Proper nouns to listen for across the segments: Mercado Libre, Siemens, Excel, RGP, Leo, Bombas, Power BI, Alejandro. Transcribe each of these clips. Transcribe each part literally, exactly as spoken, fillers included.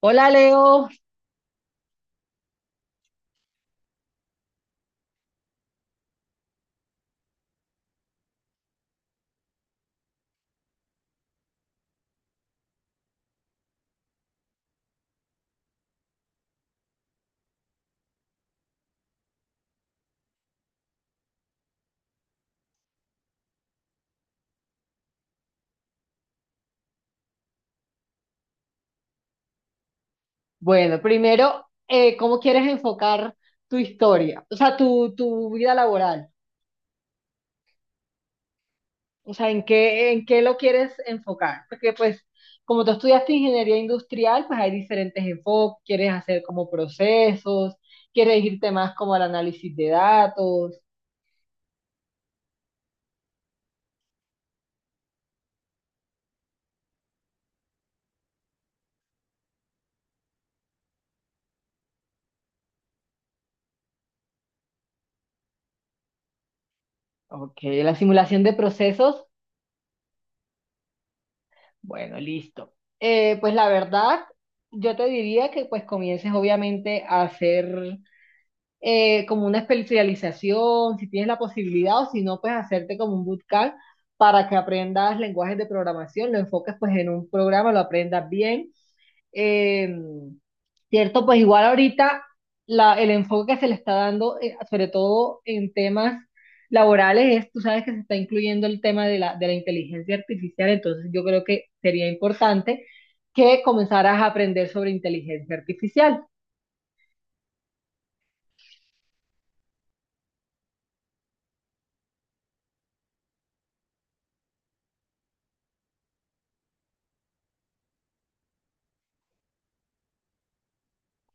Hola Leo. Bueno, primero, eh, ¿cómo quieres enfocar tu historia? O sea, tu, tu vida laboral. O sea, ¿en qué, en qué lo quieres enfocar? Porque pues, como tú estudiaste ingeniería industrial, pues hay diferentes enfoques. Quieres hacer como procesos, quieres irte más como al análisis de datos. Ok, la simulación de procesos. Bueno, listo. Eh, pues la verdad, yo te diría que pues comiences obviamente a hacer eh, como una especialización, si tienes la posibilidad o si no, pues hacerte como un bootcamp para que aprendas lenguajes de programación, lo enfoques pues en un programa, lo aprendas bien. Eh, Cierto, pues igual ahorita la- el enfoque que se le está dando, eh, sobre todo en temas laborales, es, tú sabes que se está incluyendo el tema de la, de la inteligencia artificial, entonces yo creo que sería importante que comenzaras a aprender sobre inteligencia artificial.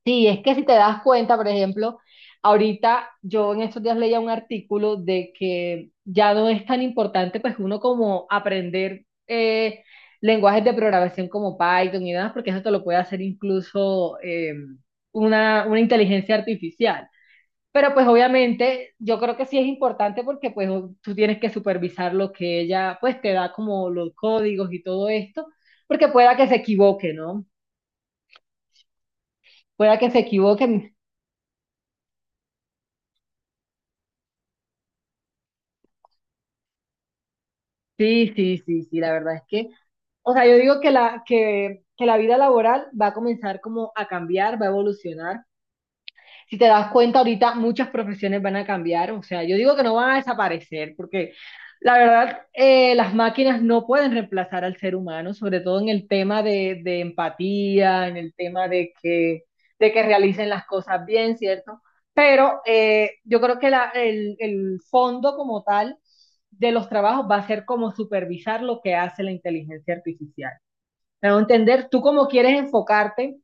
Sí, es que si te das cuenta, por ejemplo, ahorita yo en estos días leía un artículo de que ya no es tan importante pues uno como aprender eh, lenguajes de programación como Python y demás, porque eso te lo puede hacer incluso eh, una, una inteligencia artificial. Pero pues obviamente yo creo que sí es importante porque pues tú tienes que supervisar lo que ella pues te da como los códigos y todo esto, porque pueda que se equivoque, ¿no? Pueda que se equivoque. Sí, sí, sí, sí, la verdad es que, o sea, yo digo que la, que, que la vida laboral va a comenzar como a cambiar, va a evolucionar. Si te das cuenta, ahorita muchas profesiones van a cambiar, o sea, yo digo que no van a desaparecer, porque la verdad, eh, las máquinas no pueden reemplazar al ser humano, sobre todo en el tema de, de empatía, en el tema de que, de que realicen las cosas bien, ¿cierto? Pero eh, yo creo que la- el, el fondo como tal de los trabajos va a ser como supervisar lo que hace la inteligencia artificial. Me a entender, tú cómo quieres enfocarte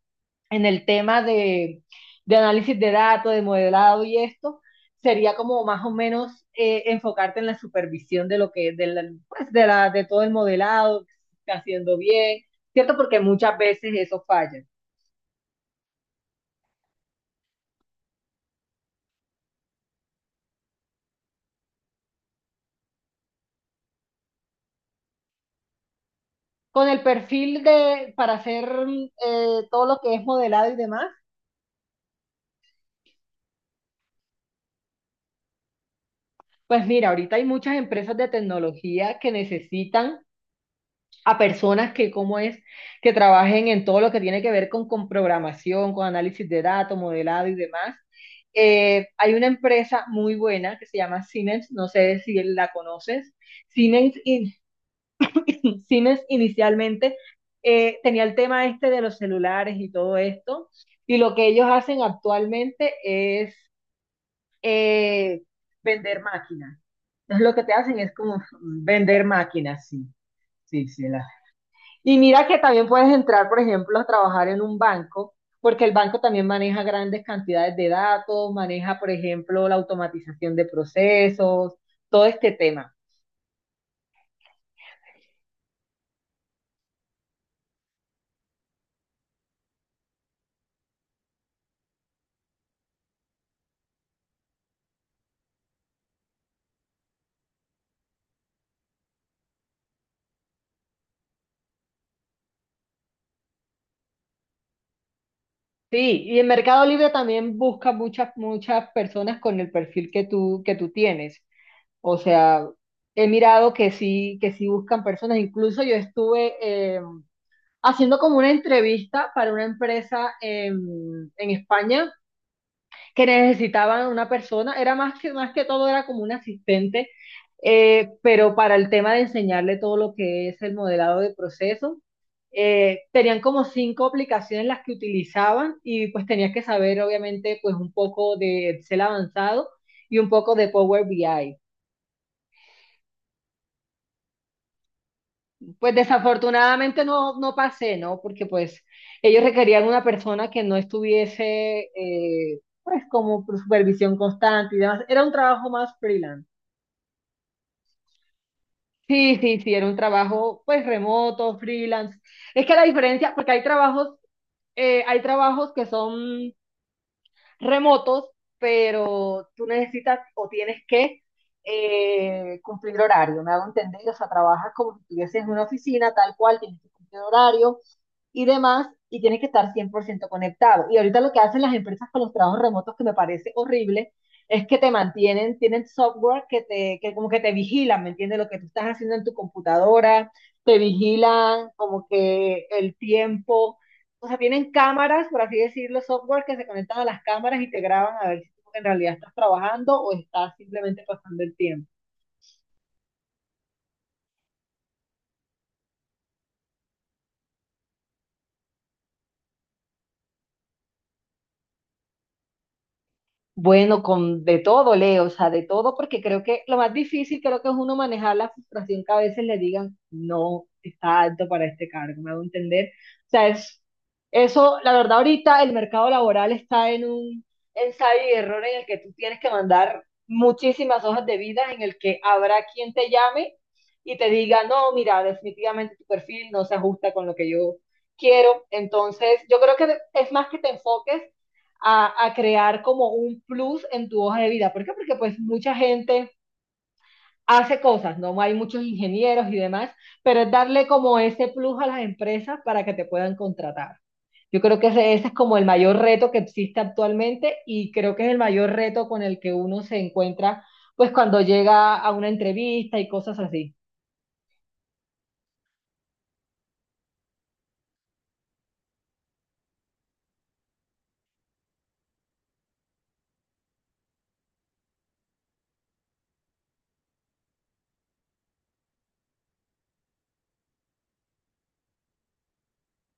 en el tema de, de análisis de datos, de modelado y esto, sería como más o menos eh, enfocarte en la supervisión de lo que, de, la, pues de, la, de todo el modelado, que se está haciendo bien, ¿cierto? Porque muchas veces eso falla. Con el perfil de, para hacer eh, todo lo que es modelado y demás, pues mira, ahorita hay muchas empresas de tecnología que necesitan a personas que, cómo es, que trabajen en todo lo que tiene que ver con, con programación, con análisis de datos, modelado y demás. Eh, hay una empresa muy buena que se llama Siemens, no sé si la conoces. Siemens, in- Siemens inicialmente eh, tenía el tema este de los celulares y todo esto, y lo que ellos hacen actualmente es eh, vender máquinas. Entonces lo que te hacen es como vender máquinas, sí, sí, sí, y mira que también puedes entrar, por ejemplo, a trabajar en un banco, porque el banco también maneja grandes cantidades de datos, maneja, por ejemplo, la automatización de procesos, todo este tema. Sí, y en Mercado Libre también busca muchas, muchas personas con el perfil que tú, que tú tienes. O sea, he mirado que sí, que sí buscan personas. Incluso yo estuve eh, haciendo como una entrevista para una empresa en en España que necesitaban una persona, era más que, más que todo, era como un asistente, eh, pero para el tema de enseñarle todo lo que es el modelado de proceso, eh, tenían como cinco aplicaciones las que utilizaban y pues tenías que saber obviamente pues un poco de Excel avanzado y un poco de Power B I. Pues desafortunadamente no, no pasé, ¿no? Porque pues ellos requerían una persona que no estuviese eh, pues como por supervisión constante y demás. Era un trabajo más freelance. Sí, sí, sí, era un trabajo pues remoto, freelance. Es que la diferencia, porque hay trabajos, eh, hay trabajos que son remotos, pero tú necesitas o tienes que eh, cumplir horario, ¿me hago entender? O sea, trabajas como si estuvieses en una oficina, tal cual, tienes que cumplir horario, y demás, y tienes que estar cien por ciento conectado. Y ahorita lo que hacen las empresas con los trabajos remotos, que me parece horrible, es que te mantienen, tienen software que te, que como que te vigilan, ¿me entiendes? Lo que tú estás haciendo en tu computadora, te vigilan como que el tiempo, o sea, tienen cámaras, por así decirlo, software que se conectan a las cámaras y te graban a ver si tú en realidad estás trabajando o estás simplemente pasando el tiempo. Bueno, con de todo, Leo, o sea, de todo, porque creo que lo más difícil creo que es uno manejar la frustración que a veces le digan, no, está alto para este cargo, me hago entender. O sea, es eso, la verdad, ahorita el mercado laboral está en un ensayo y error en el que tú tienes que mandar muchísimas hojas de vida, en el que habrá quien te llame y te diga, no, mira, definitivamente tu perfil no se ajusta con lo que yo quiero. Entonces, yo creo que es más que te enfoques a, a crear como un plus en tu hoja de vida. ¿Por qué? Porque pues mucha gente hace cosas, ¿no? Hay muchos ingenieros y demás, pero es darle como ese plus a las empresas para que te puedan contratar. Yo creo que ese, ese, es como el mayor reto que existe actualmente y creo que es el mayor reto con el que uno se encuentra pues cuando llega a una entrevista y cosas así.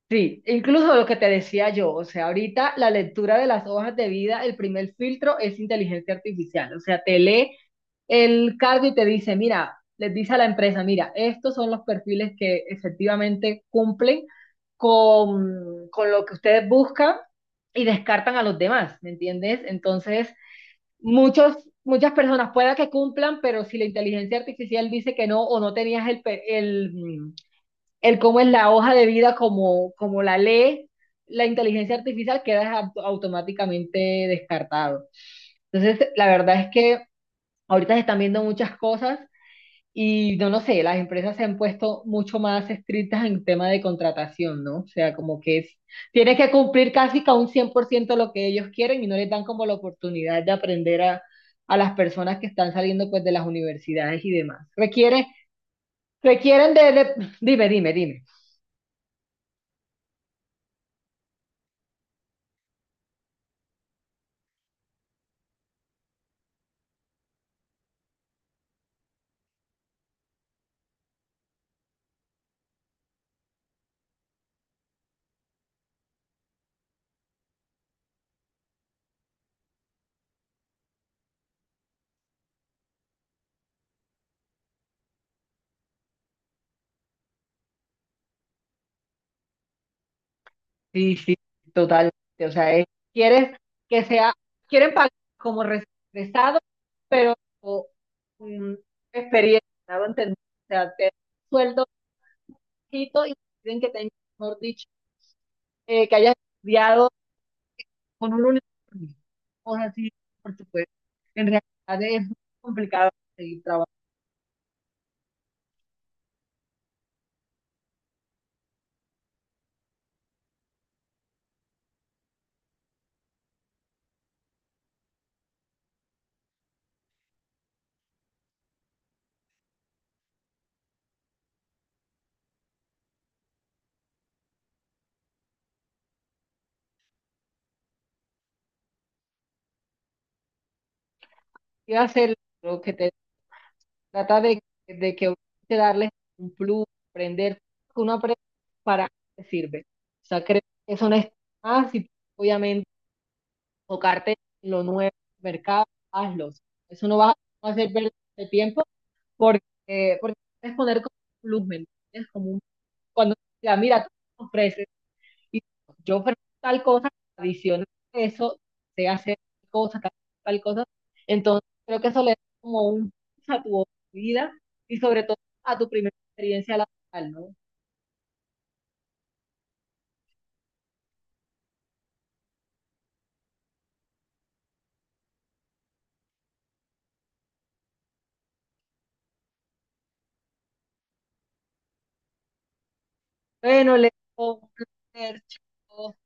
Sí, incluso lo que te decía yo, o sea, ahorita la lectura de las hojas de vida, el primer filtro es inteligencia artificial, o sea, te lee el cargo y te dice, mira, les dice a la empresa, mira, estos son los perfiles que efectivamente cumplen con, con lo que ustedes buscan y descartan a los demás, ¿me entiendes? Entonces, muchos, muchas personas pueda que cumplan, pero si la inteligencia artificial dice que no o no tenías el, pe- el, mm, el cómo es la hoja de vida como, como la ley, la inteligencia artificial queda au- automáticamente descartado. Entonces, la verdad es que ahorita se están viendo muchas cosas y no lo sé, las empresas se han puesto mucho más estrictas en tema de contratación, ¿no? O sea, como que es, tienes que cumplir casi que a un cien por ciento lo que ellos quieren y no les dan como la oportunidad de aprender a, a las personas que están saliendo pues de las universidades y demás. Requieren, requieren de, de- dime, dime, dime. Sí, sí, totalmente. O sea, es- quieres que sea, quieren pagar como regresado, pero mm, experiencia, ¿no? Entender, O sea, te- sueldo poquito y quieren que tengas, mejor dicho, eh, que hayas estudiado con un uniforme, cosas así, por supuesto. En realidad es muy complicado seguir trabajando. Y hacer lo que te trata de, de que uno te darles un plus, aprender, que uno aprende para qué sirve. O sea, creo que eso no es más y obviamente tocarte en lo nuevo, mercado, hazlo. Eso no va a hacer perder el tiempo porque, porque puedes poner como un plus, ¿me entiendes? Como un cuando diga, mira, tú ofreces, y yo ofrezco tal cosa, adicional a eso, se hace tal cosa, tal, tal cosa. Entonces, creo que eso le da como un plus a tu vida y sobre todo a tu primera experiencia laboral, ¿no? Bueno, le digo, un placer, chao.